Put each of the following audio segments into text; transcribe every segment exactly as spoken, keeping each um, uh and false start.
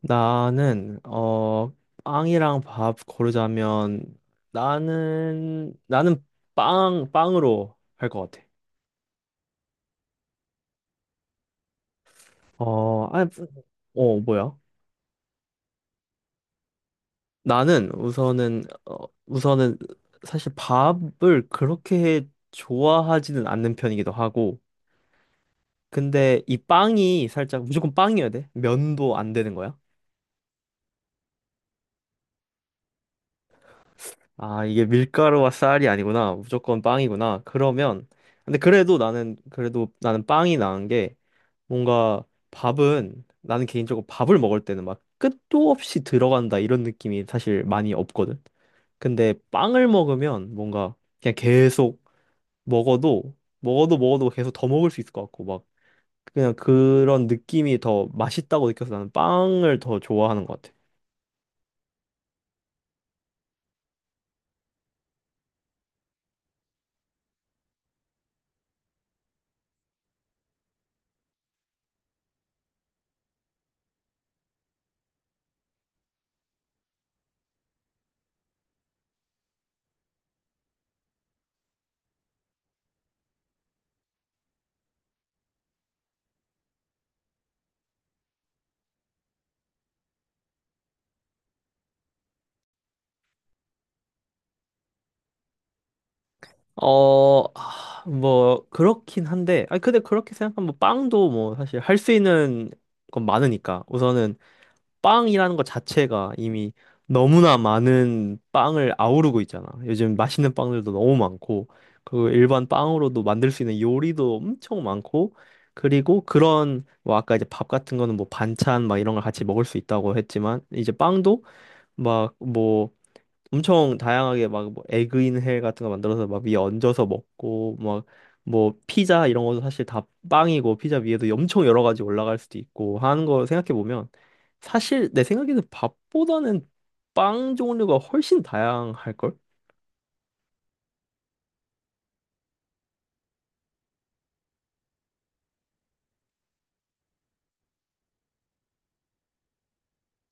나는 어 빵이랑 밥 고르자면 나는 나는 빵 빵으로 할 것 같아. 어, 아니, 어 뭐야? 나는 우선은 어, 우선은 사실 밥을 그렇게 좋아하지는 않는 편이기도 하고, 근데 이 빵이 살짝 무조건 빵이어야 돼? 면도 안 되는 거야? 아, 이게 밀가루와 쌀이 아니구나. 무조건 빵이구나. 그러면 근데 그래도 나는 그래도 나는 빵이 나은 게 뭔가 밥은 나는 개인적으로 밥을 먹을 때는 막 끝도 없이 들어간다 이런 느낌이 사실 많이 없거든. 근데 빵을 먹으면 뭔가 그냥 계속 먹어도 먹어도 먹어도 계속 더 먹을 수 있을 것 같고 막 그냥 그런 느낌이 더 맛있다고 느껴서 나는 빵을 더 좋아하는 것 같아. 어, 아, 뭐 그렇긴 한데, 아 근데 그렇게 생각하면 뭐 빵도 뭐 사실 할 수 있는 건 많으니까 우선은 빵이라는 것 자체가 이미 너무나 많은 빵을 아우르고 있잖아. 요즘 맛있는 빵들도 너무 많고, 그 일반 빵으로도 만들 수 있는 요리도 엄청 많고, 그리고 그런 뭐 아까 이제 밥 같은 거는 뭐 반찬 막 이런 걸 같이 먹을 수 있다고 했지만 이제 빵도 막뭐 엄청 다양하게 막뭐 에그인 헬 같은 거 만들어서 막 위에 얹어서 먹고 막 뭐 피자 이런 것도 사실 다 빵이고 피자 위에도 엄청 여러 가지 올라갈 수도 있고 하는 거 생각해 보면 사실 내 생각에는 밥보다는 빵 종류가 훨씬 다양할 걸?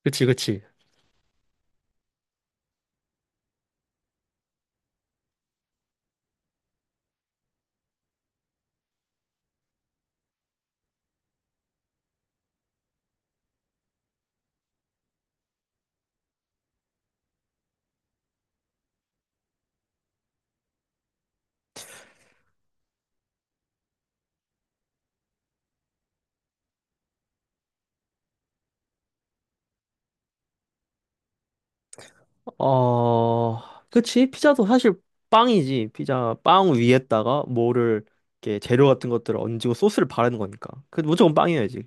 그치, 그치. 어, 그치. 피자도 사실 빵이지. 피자 빵 위에다가 뭐를 이렇게 재료 같은 것들을 얹고 소스를 바르는 거니까. 그 무조건 빵이어야지.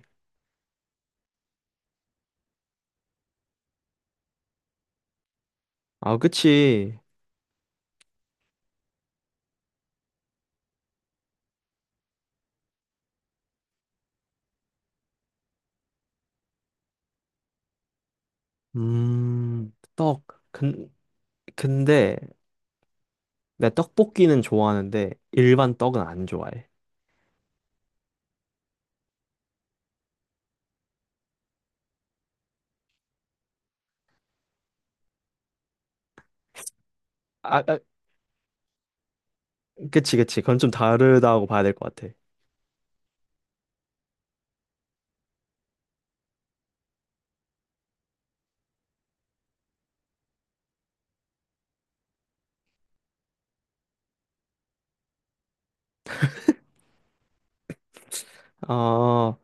아, 그치. 음, 떡. 근, 근데 내 떡볶이는 좋아하는데 일반 떡은 안 좋아해. 아, 아, 그치, 그치. 그건 좀 다르다고 봐야 될 것 같아. 어,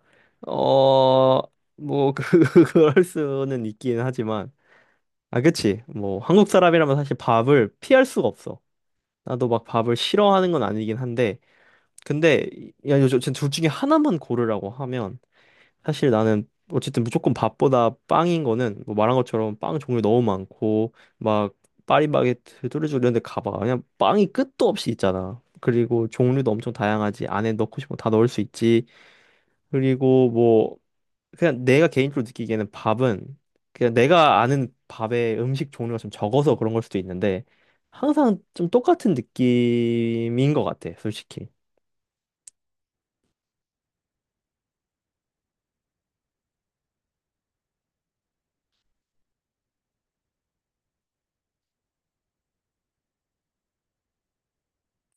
어, 뭐, 그, 그럴 수는 있긴 하지만. 아, 그치. 뭐, 한국 사람이라면 사실 밥을 피할 수가 없어. 나도 막 밥을 싫어하는 건 아니긴 한데. 근데, 야, 요즘 둘 중에 하나만 고르라고 하면 사실 나는 어쨌든 무조건 밥보다 빵인 거는 뭐 말한 것처럼 빵 종류 너무 많고 막 파리바게트, 뚜레쥬르 이런 데 가봐. 그냥 빵이 끝도 없이 있잖아. 그리고 종류도 엄청 다양하지. 안에 넣고 싶은 거 다 넣을 수 있지. 그리고 뭐 그냥 내가 개인적으로 느끼기에는 밥은 그냥 내가 아는 밥의 음식 종류가 좀 적어서 그런 걸 수도 있는데 항상 좀 똑같은 느낌인 것 같아, 솔직히.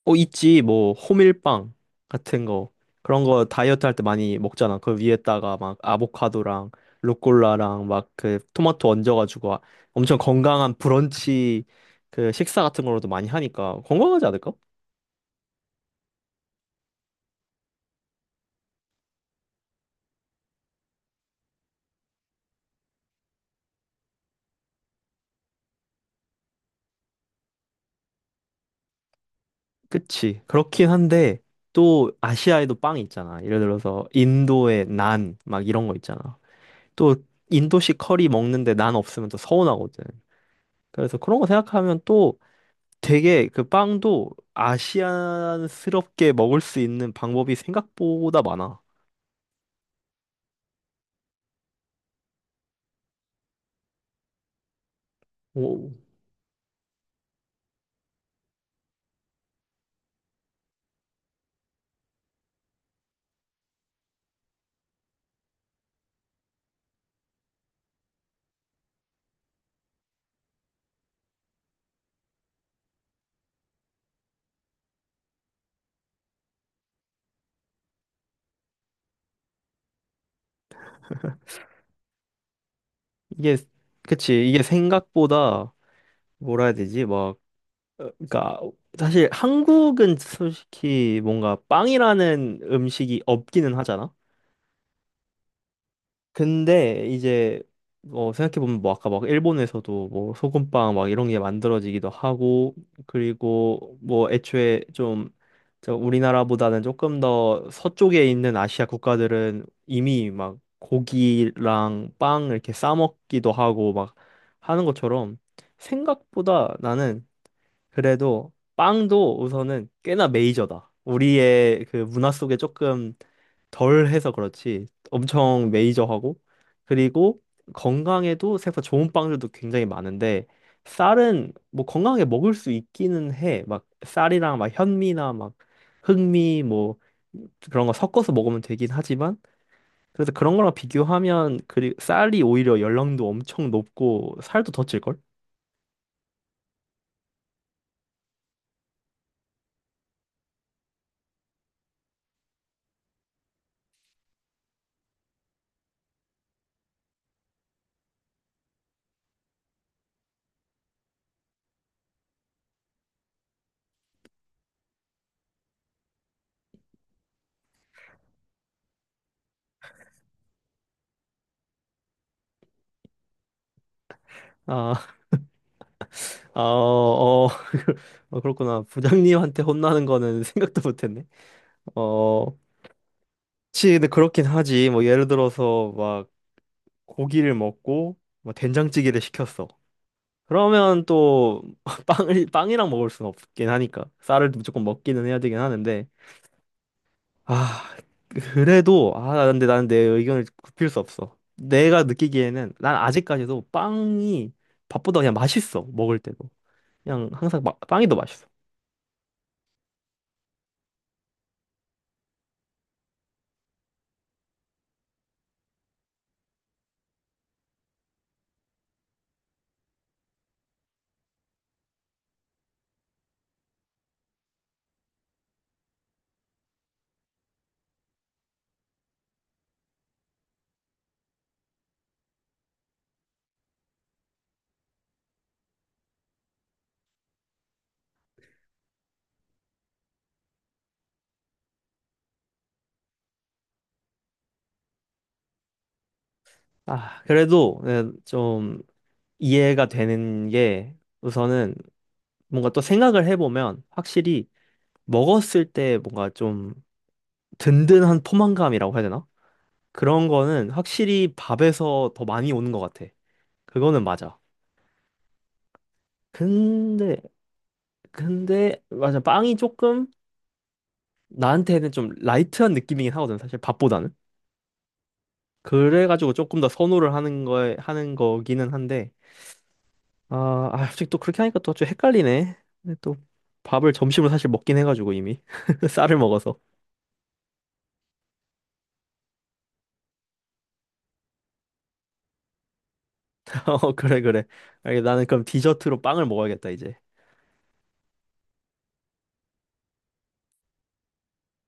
어, 있지. 뭐, 호밀빵 같은 거. 그런 거 다이어트 할 때 많이 먹잖아. 그 위에다가 막 아보카도랑 루꼴라랑 막 그 토마토 얹어가지고 아- 엄청 건강한 브런치 그 식사 같은 걸로도 많이 하니까 건강하지 않을까? 그치. 그렇긴 한데 또 아시아에도 빵이 있잖아. 예를 들어서 인도의 난 막 이런 거 있잖아. 또 인도식 커리 먹는데 난 없으면 또 서운하거든. 그래서 그런 거 생각하면 또 되게 그 빵도 아시안스럽게 먹을 수 있는 방법이 생각보다 많아. 오, 이게 그치 이게 생각보다 뭐라 해야 되지 막 어, 그러니까 사실 한국은 솔직히 뭔가 빵이라는 음식이 없기는 하잖아. 근데 이제 뭐 생각해보면 뭐 아까 막 일본에서도 뭐 소금빵 막 이런 게 만들어지기도 하고 그리고 뭐 애초에 좀 저 우리나라보다는 조금 더 서쪽에 있는 아시아 국가들은 이미 막 고기랑 빵 이렇게 싸 먹기도 하고 막 하는 것처럼 생각보다 나는 그래도 빵도 우선은 꽤나 메이저다. 우리의 그 문화 속에 조금 덜 해서 그렇지 엄청 메이저하고 그리고 건강에도 생각보다 좋은 빵들도 굉장히 많은데 쌀은 뭐 건강하게 먹을 수 있기는 해. 막 쌀이랑 막 현미나 막 흑미 뭐 그런 거 섞어서 먹으면 되긴 하지만 그래서 그런 거랑 비교하면 그리 쌀이 오히려 열량도 엄청 높고 살도 더 찔걸? 아, 아, 어, 어, 어, 그렇구나. 부장님한테 혼나는 거는 생각도 못했네. 어, 그치, 근데 그렇긴 하지. 뭐, 예를 들어서, 막, 고기를 먹고, 뭐, 된장찌개를 시켰어. 그러면 또, 빵을, 빵이랑 먹을 수는 없긴 하니까. 쌀을 무조건 먹기는 해야 되긴 하는데. 아, 그래도, 아, 근데 나는 내 의견을 굽힐 수 없어. 내가 느끼기에는, 난 아직까지도 빵이 밥보다 그냥 맛있어. 먹을 때도. 그냥 항상 마- 빵이 더 맛있어. 아, 그래도 네, 좀 이해가 되는 게 우선은 뭔가 또 생각을 해보면 확실히 먹었을 때 뭔가 좀 든든한 포만감이라고 해야 되나? 그런 거는 확실히 밥에서 더 많이 오는 것 같아. 그거는 맞아. 근데, 근데, 맞아. 빵이 조금 나한테는 좀 라이트한 느낌이긴 하거든, 사실 밥보다는. 그래가지고 조금 더 선호를 하는 거에, 하는 거기는 한데. 아, 아, 솔직히 또 그렇게 하니까 또 좀 헷갈리네. 근데 또 밥을 점심으로 사실 먹긴 해가지고 이미 쌀을 먹어서. 어, 그래 그래. 알겠, 나는 그럼 디저트로 빵을 먹어야겠다 이제.